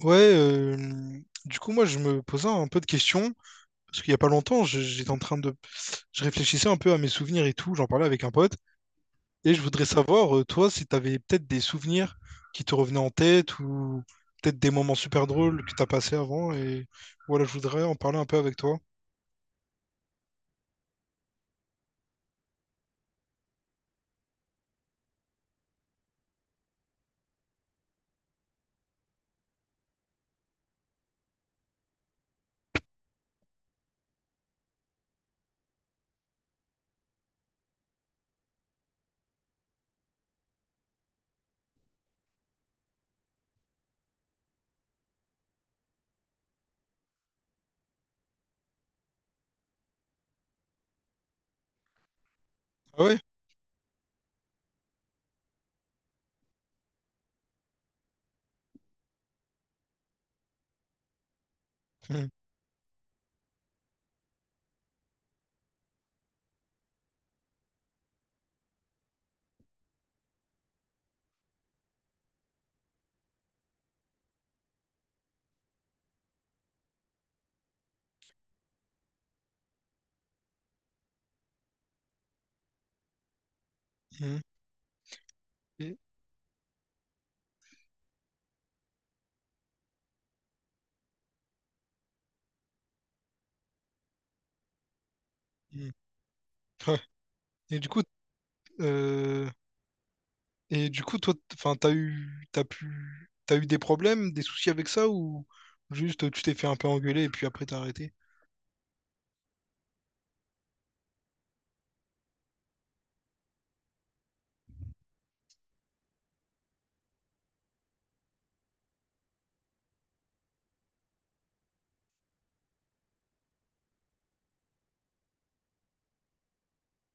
Ouais, du coup, moi, je me posais un peu de questions, parce qu'il y a pas longtemps, j'étais en train de... Je réfléchissais un peu à mes souvenirs et tout, j'en parlais avec un pote, et je voudrais savoir, toi, si t'avais peut-être des souvenirs qui te revenaient en tête, ou peut-être des moments super drôles que t'as passés avant, et voilà, je voudrais en parler un peu avec toi. Ah ouais? Mhm. Mhm. Et, mhm. Ouais. Et du coup, Et du coup, toi, enfin, t'as eu, t'as pu, t'as eu des problèmes, des soucis avec ça, ou juste tu t'es fait un peu engueuler et puis après t'as arrêté?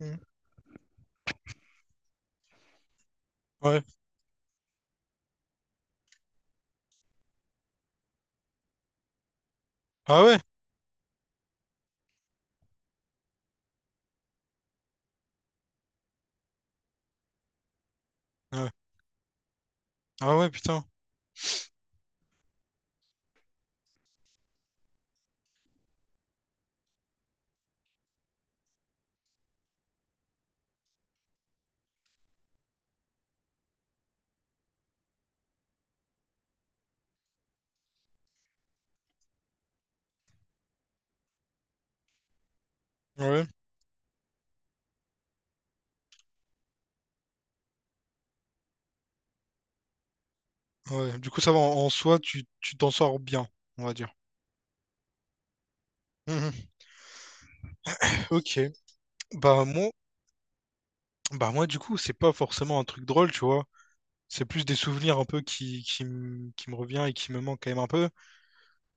Hmm. Ouais. Ah ouais? Ouais. Ah ouais, putain. Ouais. Ouais, du coup, ça va, en soi, tu t'en sors bien, on va dire. Mhm. Ok. Bah moi, bah moi, du coup, c'est pas forcément un truc drôle, tu vois. C'est plus des souvenirs un peu qui me revient et qui me manque quand même un peu.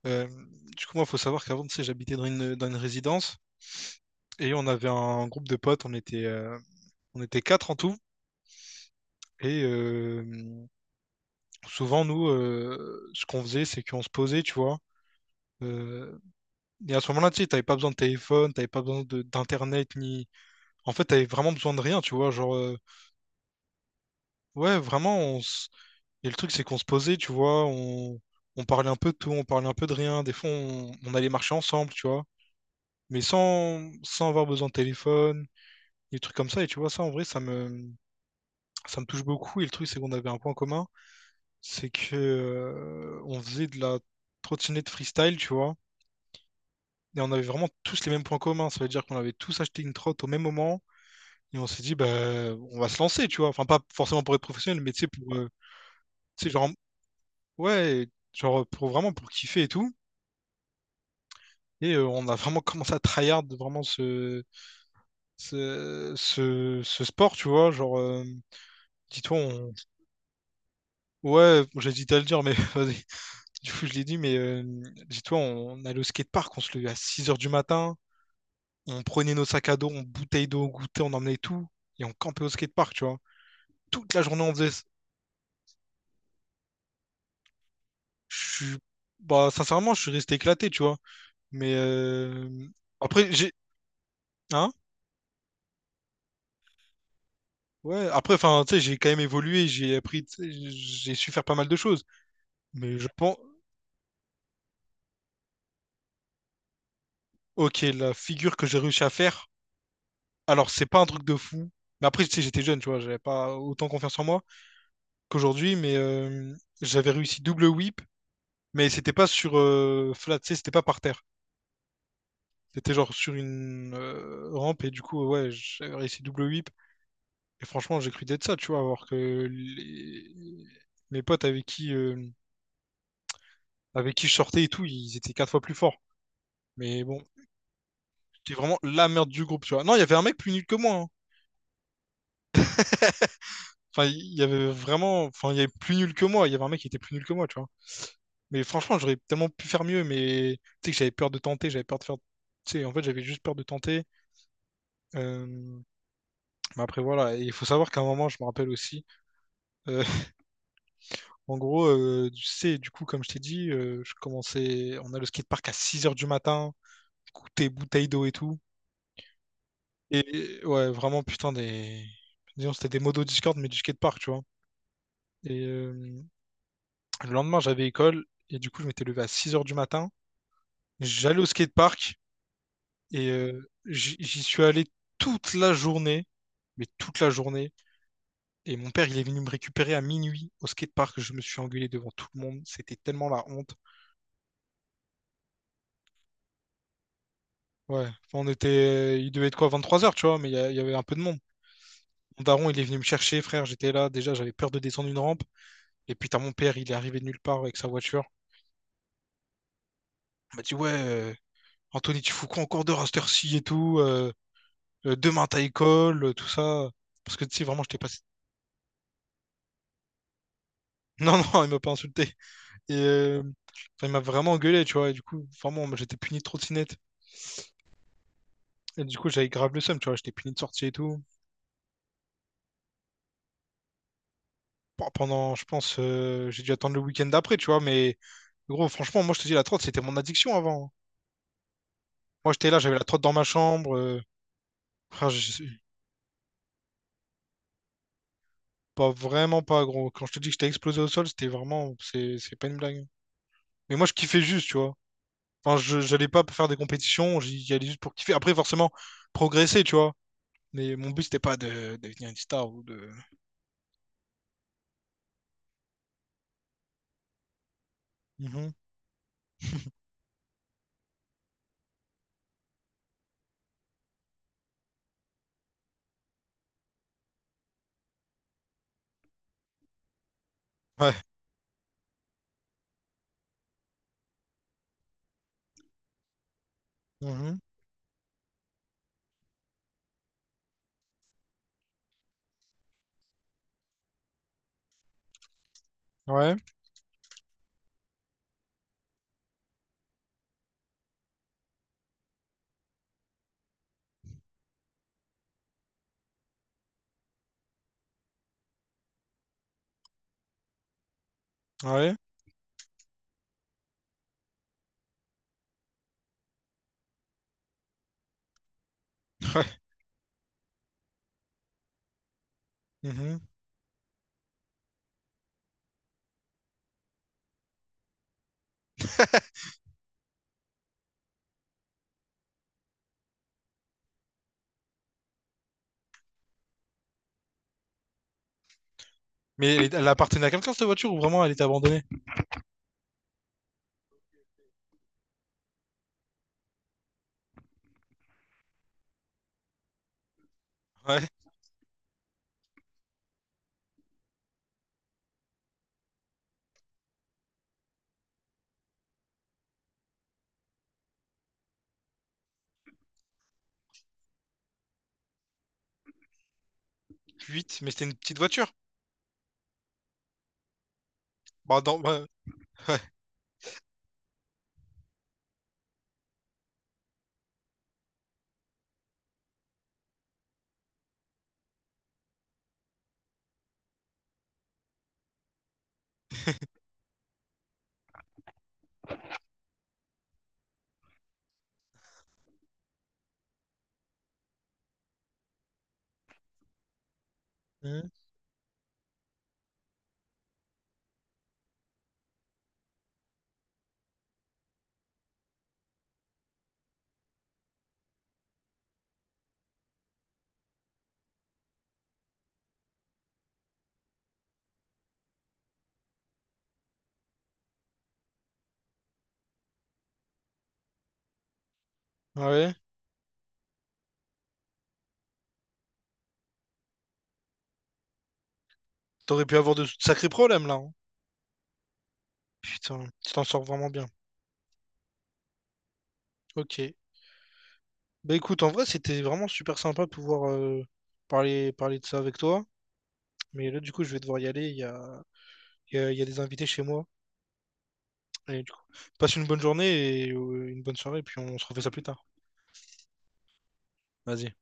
Euh, du coup, moi, faut savoir qu'avant, tu sais, j'habitais dans une résidence, et on avait un groupe de potes, on était quatre en tout. Et souvent, nous, ce qu'on faisait, c'est qu'on se posait, tu vois. Euh, et à ce moment-là, tu sais, t'avais pas besoin de téléphone, t'avais pas besoin d'internet, ni, en fait, t'avais vraiment besoin de rien, tu vois. Genre, ouais, vraiment, et le truc, c'est qu'on se posait, tu vois. On parlait un peu de tout, on parlait un peu de rien. Des fois, on allait marcher ensemble, tu vois. Mais sans avoir besoin de téléphone, des trucs comme ça. Et tu vois, ça, en vrai, ça me touche beaucoup. Et le truc, c'est qu'on avait un point commun, c'est que on faisait de la trottinette freestyle, tu vois. Et on avait vraiment tous les mêmes points communs. Ça veut dire qu'on avait tous acheté une trotte au même moment. Et on s'est dit, bah, on va se lancer, tu vois. Enfin, pas forcément pour être professionnel, mais tu sais, pour. Tu sais, genre, ouais, genre pour vraiment pour kiffer et tout. Et on a vraiment commencé à tryhard vraiment ce sport, tu vois. Genre, dis-toi, on... ouais, bon, j'hésite à le dire, mais vas-y. Du coup, je l'ai dit, mais dis-toi, on allait au skatepark, on se levait à 6 heures du matin, on prenait nos sacs à dos, on bouteille d'eau, on goûtait, on emmenait tout, et on campait au skatepark, tu vois. Toute la journée, on faisait ça. Je suis, bah, sincèrement, je suis resté éclaté, tu vois. Mais après, j'ai. Hein? Ouais, après, enfin, tu sais, j'ai quand même évolué, j'ai appris, tu sais, j'ai su faire pas mal de choses. Mais je pense, ok, la figure que j'ai réussi à faire, alors c'est pas un truc de fou. Mais après, tu sais, j'étais jeune, tu vois, j'avais pas autant confiance en moi qu'aujourd'hui, mais j'avais réussi double whip, mais c'était pas sur flat, tu sais, c'était pas par terre. C'était genre sur une rampe, et du coup, ouais, j'avais réussi double whip. Et franchement, j'ai cru d'être ça, tu vois, alors que les- mes potes avec qui je sortais et tout, ils étaient quatre fois plus forts. Mais bon, t'es vraiment la merde du groupe, tu vois. Non, il y avait un mec plus nul que moi, hein. Enfin, il y avait vraiment. Enfin, il y avait plus nul que moi. Il y avait un mec qui était plus nul que moi, tu vois. Mais franchement, j'aurais tellement pu faire mieux, mais tu sais que j'avais peur de tenter, j'avais peur de faire. Tu sais, en fait, j'avais juste peur de tenter. Euh, Mais après, voilà. Et il faut savoir qu'à un moment, je me rappelle aussi. euh, En gros, tu sais, du coup, comme je t'ai dit, je commençais. On a le skatepark à 6 heures du matin, goûter bouteille d'eau et tout. Et ouais, vraiment, putain, des. Disons, c'était des modos Discord, mais du skatepark, tu vois. Et euh, Le lendemain, j'avais école, et du coup, je m'étais levé à 6 heures du matin. J'allais au skatepark et j'y suis allé toute la journée, mais toute la journée. Et mon père, il est venu me récupérer à minuit au skatepark. Je me suis engueulé devant tout le monde. C'était tellement la honte. Ouais, enfin, on était, il devait être quoi, 23 heures, tu vois, mais il y avait un peu de monde. Mon daron, il est venu me chercher, frère. J'étais là. Déjà, j'avais peur de descendre une rampe. Et puis, t'as mon père, il est arrivé de nulle part avec sa voiture. Il m'a dit, ouais, Anthony, tu fous quoi encore de heure heure-ci et tout? Demain t'as école, tout ça. Parce que tu sais, vraiment, je t'ai pas. Non, non, il m'a pas insulté. Et enfin, il m'a vraiment engueulé, tu vois. Et du coup, vraiment, moi, j'étais puni de trottinette. Et du coup, j'avais grave le seum, tu vois. J'étais puni de sortie et tout. Pendant, je pense, j'ai dû attendre le week-end d'après, tu vois. Mais gros, franchement, moi, je te dis, la trotte, c'était mon addiction avant. Moi, j'étais là, j'avais la trotte dans ma chambre. Frère, je sais pas vraiment pas, gros. Quand je te dis que j'étais explosé au sol, c'était vraiment. C'est pas une blague. Mais moi, je kiffais juste, tu vois. Enfin, je j'allais pas faire des compétitions, j'y allais juste pour kiffer. Après, forcément, progresser, tu vois. Mais mon but, c'était pas de devenir une star ou de. Mhm. Ouais. Mhm. Ouais. Ouais. Ouais. Mhm. Mais elle, elle appartenait à quelqu'un, cette voiture, ou vraiment elle était abandonnée? Ouais. Huit, mais c'était une petite voiture. Bah, dans... ouais. Mhm. Ouais. T'aurais pu avoir de sacrés problèmes, là, hein. Putain, tu t'en sors vraiment bien. Ok. Bah, écoute, en vrai, c'était vraiment super sympa de pouvoir parler de ça avec toi. Mais là, du coup, je vais devoir y aller. Il y a, il y a il y a des invités chez moi. Et du coup, passe une bonne journée et une bonne soirée, puis on se refait ça plus tard. Vas-y.